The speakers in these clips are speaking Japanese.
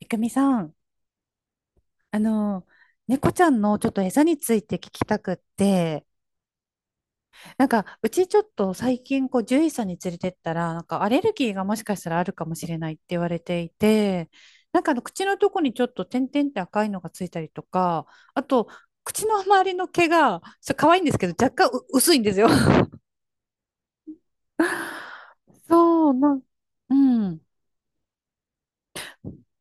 いくみさん、あの、猫ちゃんのちょっと餌について聞きたくって、なんか、うちちょっと最近、こう、獣医さんに連れてったら、なんか、アレルギーがもしかしたらあるかもしれないって言われていて、なんか、口のとこにちょっと点々って赤いのがついたりとか、あと、口の周りの毛が、そう、可愛いんですけど、若干う薄いんですよ。そう、うん。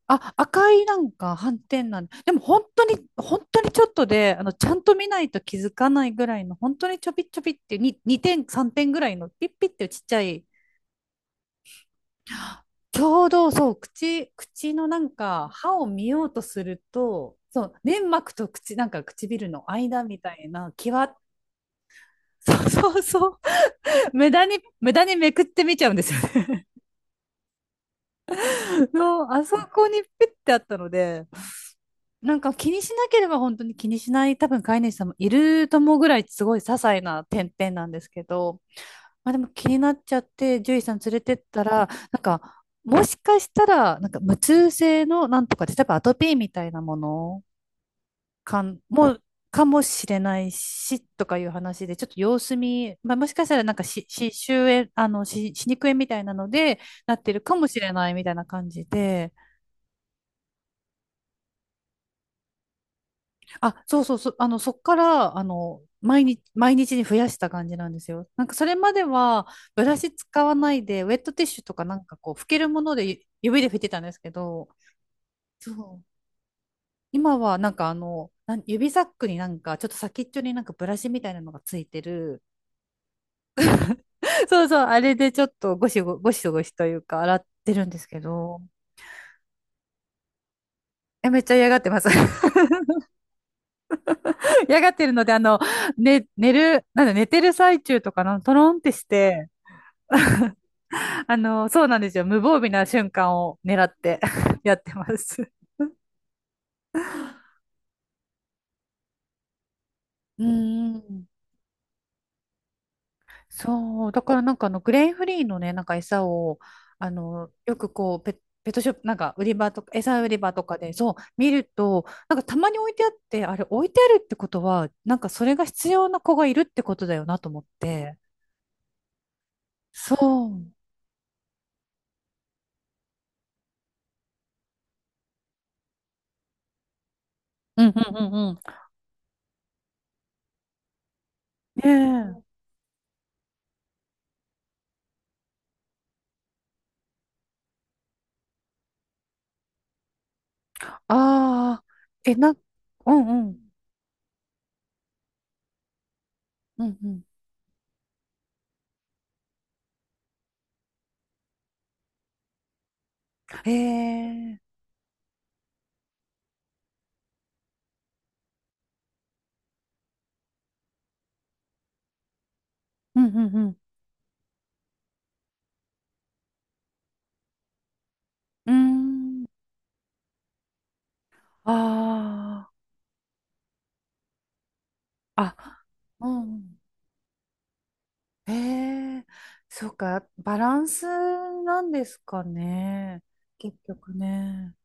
あ、赤いなんか斑点なんで、でも本当に、本当にちょっとで、ちゃんと見ないと気づかないぐらいの、本当にちょびちょびっていう、2、3点ぐらいの、ピッピッっていうちっちゃい、ちょうどそう、口、口のなんか、歯を見ようとすると、そう、粘膜と口、なんか唇の間みたいな、際、そうそうそう、無駄に、無駄にめくってみちゃうんですよね。の、あそこにピッてあったので、なんか気にしなければ本当に気にしない多分飼い主さんもいると思うぐらいすごい些細な点々なんですけど、まあ、でも気になっちゃって獣医さん連れてったらなんかもしかしたらなんか無痛性のなんとかで例えばアトピーみたいなものかんもうかもしれないしとかいう話でちょっと様子見、まあ、もしかしたらなんかしし歯周炎歯歯肉炎みたいなのでなってるかもしれないみたいな感じで。あ、そうそうそう、そっから、毎日に増やした感じなんですよ。なんか、それまでは、ブラシ使わないで、ウェットティッシュとかなんかこう、拭けるものでゆ指で拭いてたんですけど、そう。今は、なんかあの、なん指サックになんか、ちょっと先っちょになんかブラシみたいなのがついてる。そうそう、あれでちょっとゴシゴシというか、洗ってるんですけど、え、めっちゃ嫌がってます。嫌がってるので、ね、寝る、なんだ、寝てる最中とかのトロンってして、そうなんですよ。無防備な瞬間を狙って やってます。うーん。そう。だからなんかグレインフリーのね、なんか餌を、よくこう、ペットショップ、なんか売り場とか、餌売り場とかで、そう、見ると、なんかたまに置いてあって、あれ置いてあるってことは、なんかそれが必要な子がいるってことだよなと思って。そう。うんうんうんうん。ねえ。ああ、え、うんうん。うんうん。ええ。うんうんうん。うーん。ああ、あ、うん。ええ、そうか、バランスなんですかね。結局ね。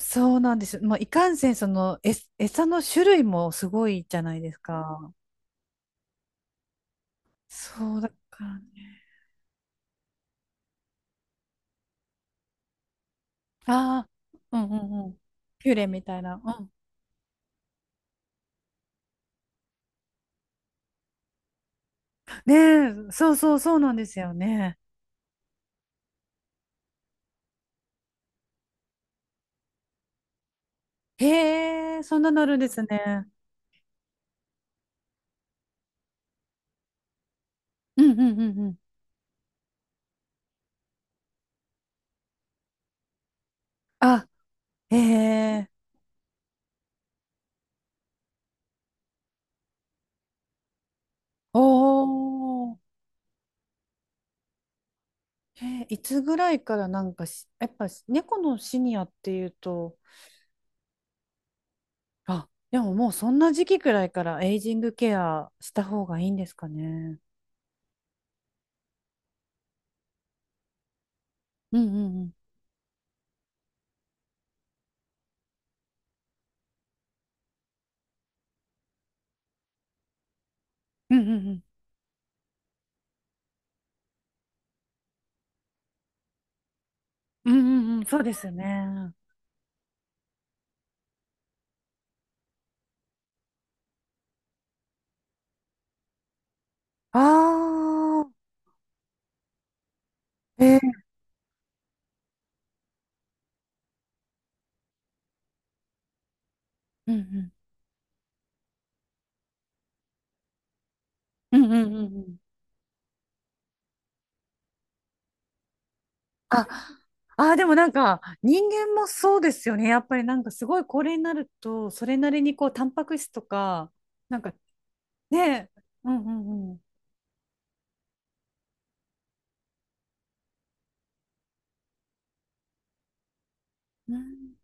そうなんです。まあ、いかんせん、その、え、餌の種類もすごいじゃないですか。そうだからね。ああ、うんうんうん。ピュレみたいな。うん。ねえ、そうそうそうなんですよね。へえ、そんなのあるんですね。うんうんうんうん。あ、へえ、おお。えーいつぐらいからなんかやっぱ猫のシニアっていうと、あ、でももうそんな時期くらいからエイジングケアした方がいいんですかね。うんうんうん。うんうんうん。うんうんうん。そうですよね。ああ、えー、うんうん。うんうんうんうん。あ、あー、でもなんか人間もそうですよね。やっぱりなんかすごい高齢になると、それなりにこう、タンパク質とか、なんかね、うんうんうん。うん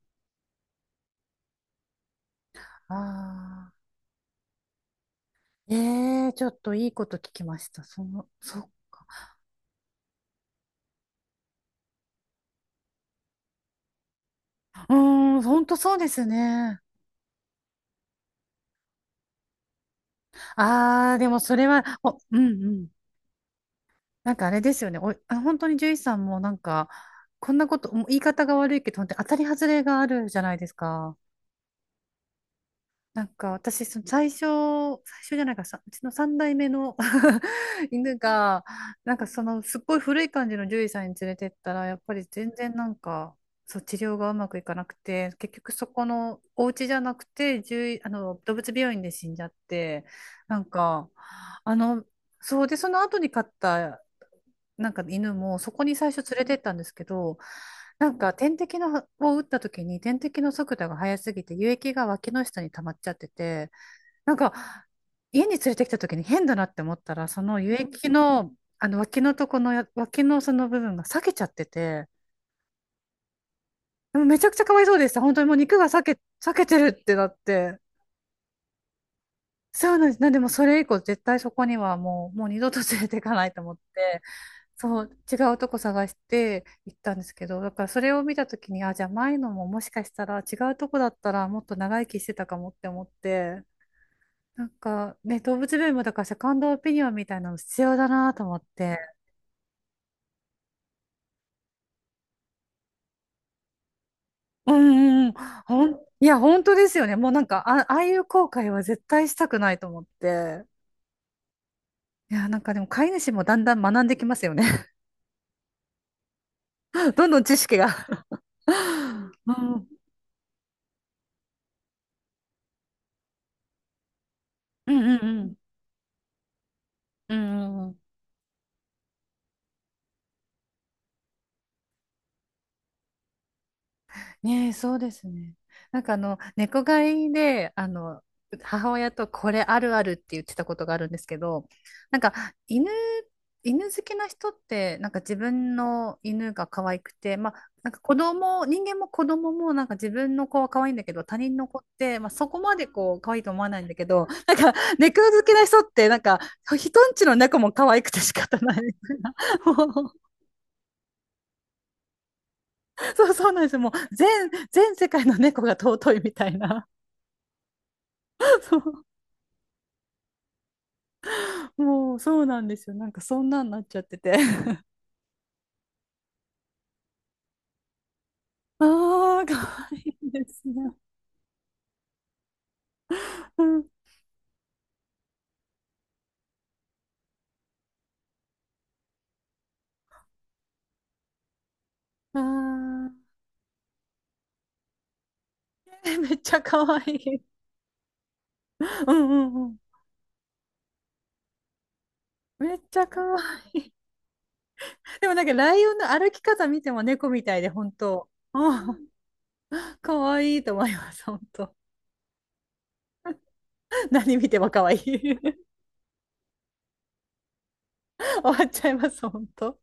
ああ。ええちょっといいこと聞きました。その、そっか。うーん、ほんとそうですね。ああ、でもそれは、うんうん。なんかあれですよね。本当に獣医さんもなんか、こんなこと、もう言い方が悪いけど、本当に当たり外れがあるじゃないですか。なんか私、その最初じゃないか、さ、うちの三代目の 犬が、なんかそのすっごい古い感じの獣医さんに連れてったら、やっぱり全然なんか、そう、治療がうまくいかなくて、結局そこのお家じゃなくて、獣医、動物病院で死んじゃって、なんか、あの、そうで、その後に飼ったなんか犬もそこに最初連れてったんですけど、なんか点滴のを打った時に点滴の速度が速すぎて輸液が脇の下に溜まっちゃってて、なんか家に連れてきた時に変だなって思ったら、その輸液の、あの脇のとこのや脇のその部分が裂けちゃってて、でもめちゃくちゃかわいそうでした。本当にもう肉が裂けてるってなって。そうなんです。なんでもそれ以降絶対そこにはもう、もう二度と連れていかないと思って。そう、違うとこ探して行ったんですけど、だからそれを見たときに、あ、じゃあ前のももしかしたら違うとこだったらもっと長生きしてたかもって思って、なんかね、動物病院もだからセカンドオピニオンみたいなの必要だなと思って。うんうんうん。ほん、いや、本当ですよね。もうなんか、あ、ああいう後悔は絶対したくないと思って。いや、なんかでも飼い主もだんだん学んできますよね。どんどん知識が。うん、うんうんうん。うんうんうん。ねえ、そうですね。なんか猫飼いで、母親とこれあるあるって言ってたことがあるんですけど、なんか犬、犬好きな人って、なんか自分の犬が可愛くて、まあ、なんか子供、人間も子供もなんか自分の子は可愛いんだけど、他人の子って、まあ、そこまでこう可愛いと思わないんだけど、なんか猫好きな人って、なんか人んちの猫も可愛くて仕方ないみたいな。もうそうそうなんですよ。もう全世界の猫が尊いみたいな。そう もうそうなんですよ。なんかそんなんなっちゃってて。ああ、かわいいですね。うんああ、えめっちゃかわいい。うんうんうん。めっちゃかわいい。でもなんかライオンの歩き方見ても猫みたいで、本当。あんかわいいと思います、本当。何見てもかわいい。終わっちゃいます、本当。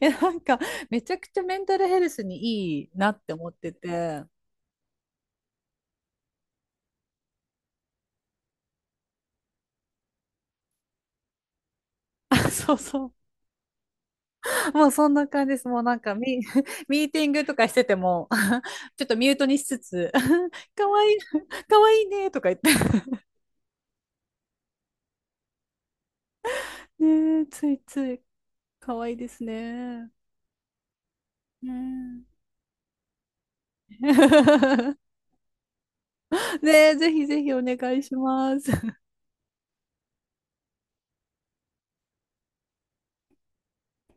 いや、なんか、めちゃくちゃメンタルヘルスにいいなって思ってて。あ、そうそう。もうそんな感じです。もうなんかミーティングとかしてても、ちょっとミュートにしつつ、かわいい、かわいいねとか言って。ねえ、ついつい、かわいいですね。ねえ ねえ、ぜひぜひお願いします。